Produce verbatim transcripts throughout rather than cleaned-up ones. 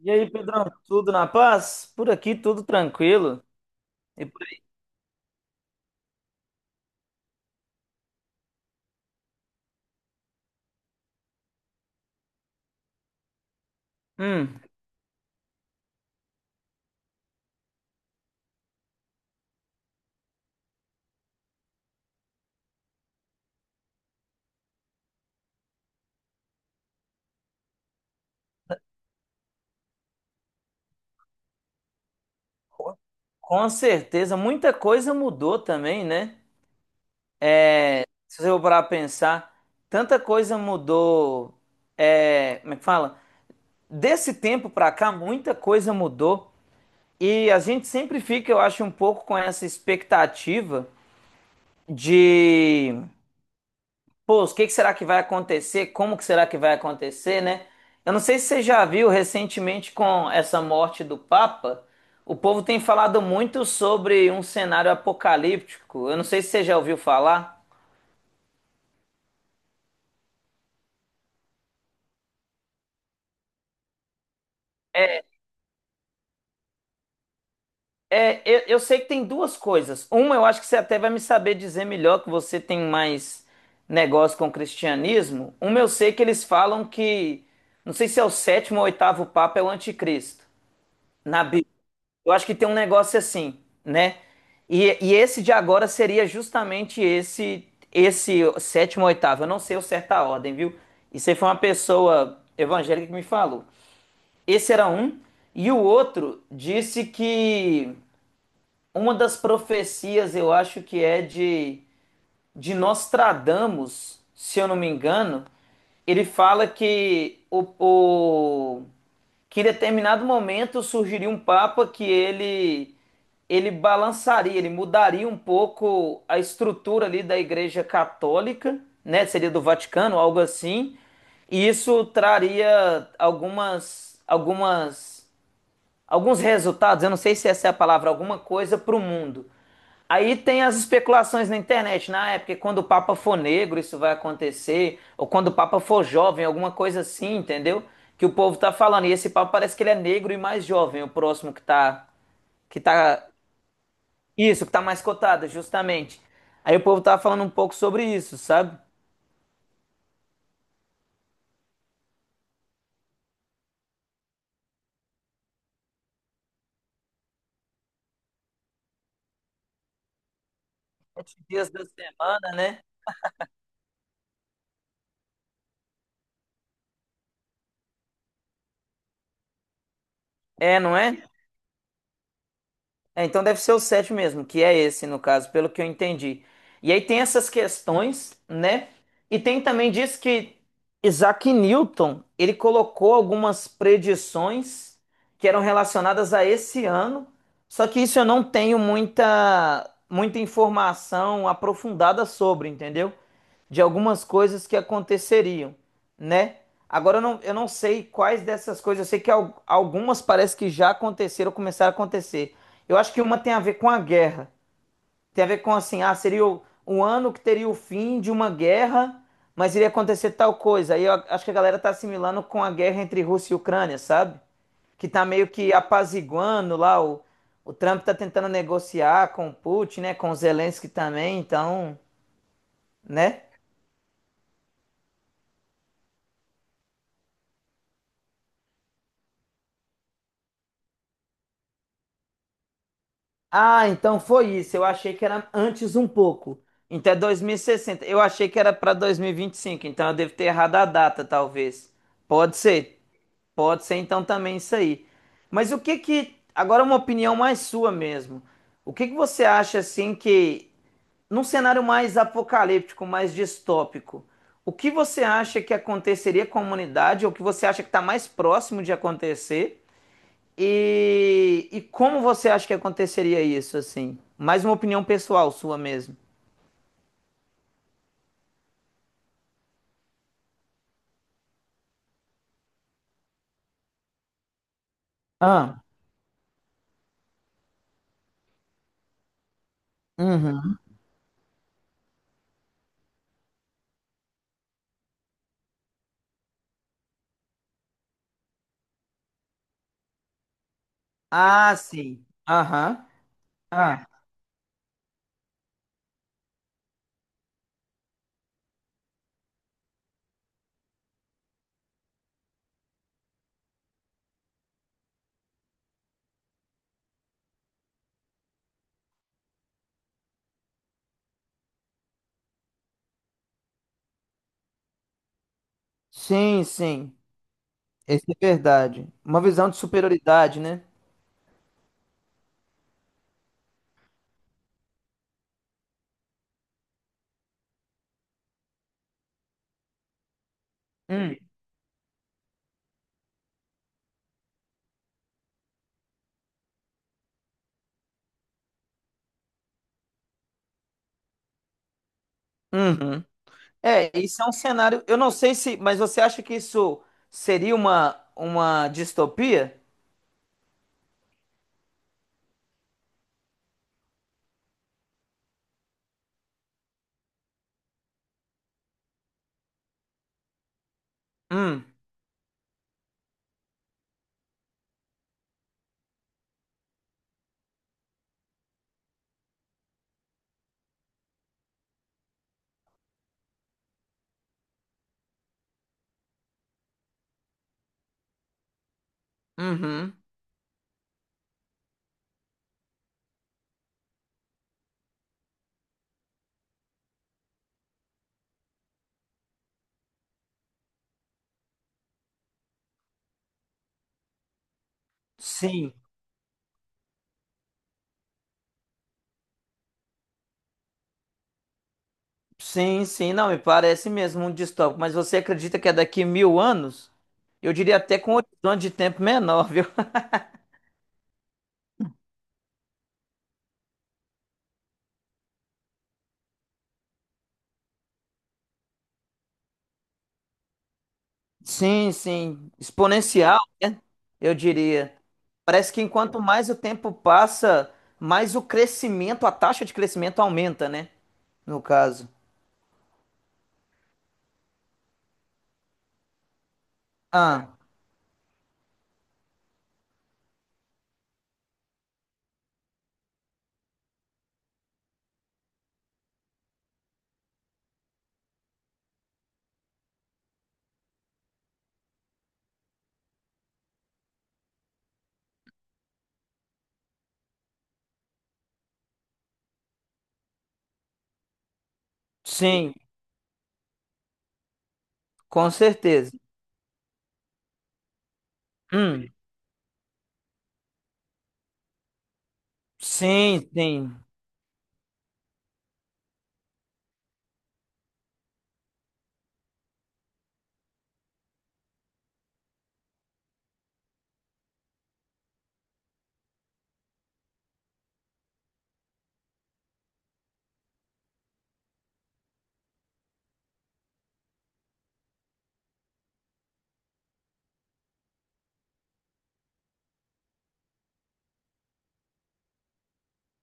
E aí, Pedrão, tudo na paz? Por aqui tudo tranquilo. E por aí? Hum, com certeza, muita coisa mudou também, né? Se você for parar pra pensar, tanta coisa mudou. É, como é que fala? Desse tempo pra cá, muita coisa mudou. E a gente sempre fica, eu acho, um pouco com essa expectativa de pô, o que que será que vai acontecer? Como que será que vai acontecer, né? Eu não sei se você já viu recentemente com essa morte do Papa, o povo tem falado muito sobre um cenário apocalíptico. Eu não sei se você já ouviu falar. É, eu, eu sei que tem duas coisas. Uma, eu acho que você até vai me saber dizer melhor, que você tem mais negócio com o cristianismo. Uma, eu sei que eles falam que, não sei se é o sétimo ou oitavo Papa, é o anticristo, na Bíblia. Eu acho que tem um negócio assim, né? E, e esse de agora seria justamente esse esse sétimo, oitavo. Eu não sei o certo a ordem, viu? Isso aí foi uma pessoa evangélica que me falou. Esse era um, e o outro disse que uma das profecias, eu acho que é de de Nostradamus, se eu não me engano, ele fala que o, o- que em determinado momento surgiria um papa que ele ele balançaria, ele mudaria um pouco a estrutura ali da Igreja Católica, né? Seria do Vaticano, algo assim. E isso traria algumas algumas alguns resultados, eu não sei se essa é a palavra, alguma coisa para o mundo. Aí tem as especulações na internet, na época, quando o Papa for negro, isso vai acontecer, ou quando o Papa for jovem, alguma coisa assim, entendeu? Que o povo tá falando. E esse Papa parece que ele é negro e mais jovem, o próximo que tá, que tá, isso, que tá mais cotado, justamente. Aí o povo tava falando um pouco sobre isso, sabe? Sete dias da semana, né? É, não é? É, então deve ser o sete mesmo, que é esse no caso, pelo que eu entendi. E aí tem essas questões, né? E tem também diz que Isaac Newton, ele colocou algumas predições que eram relacionadas a esse ano, só que isso eu não tenho muita muita informação aprofundada sobre, entendeu? De algumas coisas que aconteceriam, né? Agora eu não, eu não sei quais dessas coisas, eu sei que al- algumas parece que já aconteceram, começaram a acontecer. Eu acho que uma tem a ver com a guerra, tem a ver com assim, ah, seria o, um ano que teria o fim de uma guerra, mas iria acontecer tal coisa. Aí eu a- acho que a galera tá assimilando com a guerra entre Rússia e Ucrânia, sabe? Que tá meio que apaziguando lá, o, o Trump tá tentando negociar com o Putin, né, com o Zelensky também, então, né? Ah, então foi isso. Eu achei que era antes um pouco. Então é dois mil e sessenta. Eu achei que era para dois mil e vinte e cinco. Então eu devo ter errado a data, talvez. Pode ser. Pode ser então também isso aí. Mas o que que, agora uma opinião mais sua mesmo. O que que você acha assim que num cenário mais apocalíptico, mais distópico, o que você acha que aconteceria com a humanidade ou o que você acha que está mais próximo de acontecer? E, e como você acha que aconteceria isso, assim? Mais uma opinião pessoal sua mesmo. Ah, uhum. Ah, sim. Aham. Ah, sim, sim. Isso é verdade. Uma visão de superioridade, né? Hum. Uhum. É, isso é um cenário. Eu não sei se, mas você acha que isso seria uma, uma distopia? Hum. Uhum. Sim. Sim, sim, não, me parece mesmo um distópico, mas você acredita que é daqui mil anos? Eu diria até com um horizonte de tempo menor, viu? Sim, sim, exponencial, né? Eu diria. Parece que enquanto mais o tempo passa, mais o crescimento, a taxa de crescimento aumenta, né? No caso. Ah, sim, com certeza. Hum, sim, sim.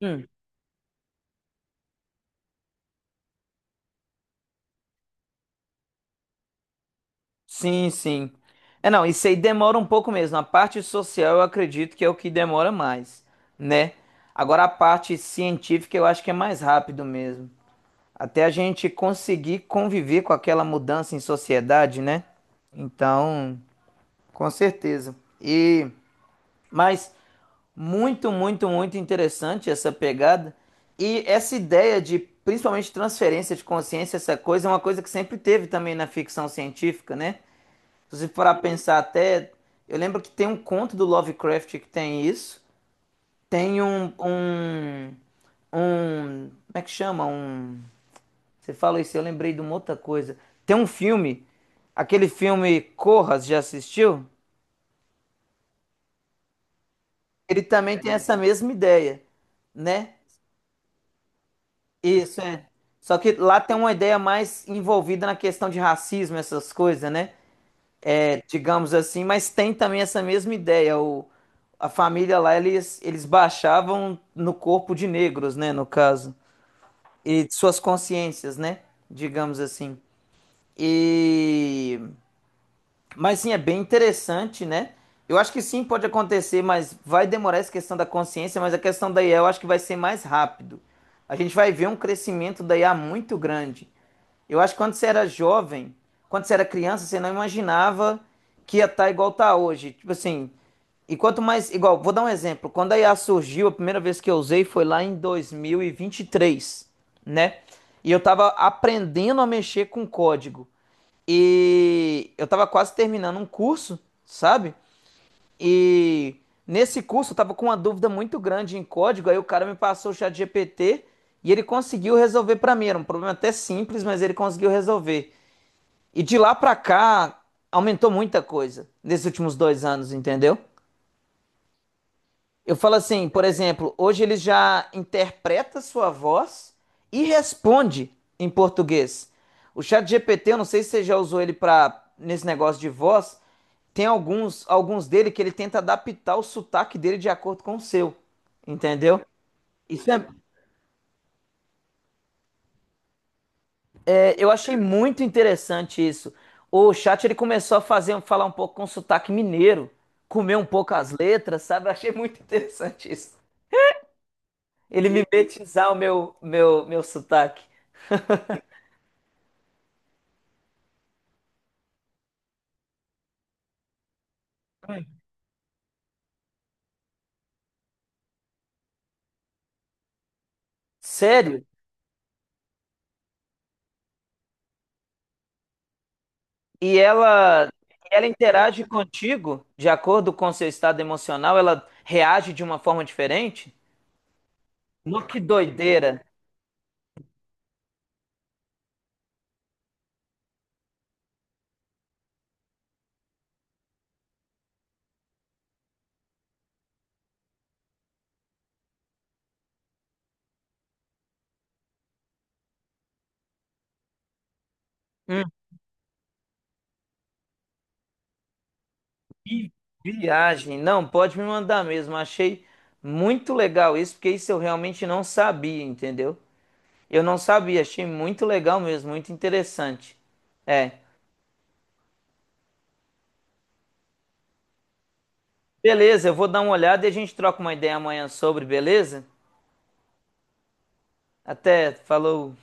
Hum. Sim, sim. É, não, isso aí demora um pouco mesmo. A parte social eu acredito que é o que demora mais, né? Agora a parte científica eu acho que é mais rápido mesmo. Até a gente conseguir conviver com aquela mudança em sociedade, né? Então, com certeza. E, mas muito, muito, muito interessante essa pegada e essa ideia de principalmente transferência de consciência, essa coisa é uma coisa que sempre teve também na ficção científica, né? Se você for a pensar até. Eu lembro que tem um conto do Lovecraft que tem isso. Tem um. Um. Um como é que chama? Um. Você fala isso, eu lembrei de uma outra coisa. Tem um filme, aquele filme Corra, já assistiu? Ele também tem essa mesma ideia, né? Isso, é. Só que lá tem uma ideia mais envolvida na questão de racismo, essas coisas, né? Digamos assim, mas tem também essa mesma ideia. O, a família lá, eles, eles baixavam no corpo de negros, né, no caso, e de suas consciências, né, digamos assim. E mas sim, é bem interessante, né? Eu acho que sim, pode acontecer, mas vai demorar essa questão da consciência, mas a questão da I A eu acho que vai ser mais rápido. A gente vai ver um crescimento da I a muito grande. Eu acho que quando você era jovem, quando você era criança, você não imaginava que ia estar igual tá hoje. Tipo assim, e quanto mais. Igual, vou dar um exemplo. Quando a I A surgiu, a primeira vez que eu usei foi lá em dois mil e vinte e três, né? E eu tava aprendendo a mexer com código. E eu tava quase terminando um curso, sabe? E nesse curso eu tava com uma dúvida muito grande em código, aí o cara me passou o chat G P T e ele conseguiu resolver para mim. Era um problema até simples, mas ele conseguiu resolver. E de lá para cá aumentou muita coisa nesses últimos dois anos, entendeu? Eu falo assim, por exemplo, hoje ele já interpreta sua voz e responde em português. O chat G P T, eu não sei se você já usou ele para nesse negócio de voz, tem alguns, alguns dele que ele tenta adaptar o sotaque dele de acordo com o seu, entendeu? É, eu achei muito interessante isso. O chat ele começou a fazer, falar um pouco com sotaque mineiro, comer um pouco as letras, sabe? Eu achei muito interessante isso. Ele mimetizar o meu, meu, meu sotaque. Sério? E ela, ela interage contigo de acordo com seu estado emocional, ela reage de uma forma diferente? No que doideira. Hum. Viagem, não, pode me mandar mesmo. Achei muito legal isso, porque isso eu realmente não sabia, entendeu? Eu não sabia, achei muito legal mesmo, muito interessante. É. Beleza, eu vou dar uma olhada e a gente troca uma ideia amanhã sobre, beleza? Até, falou.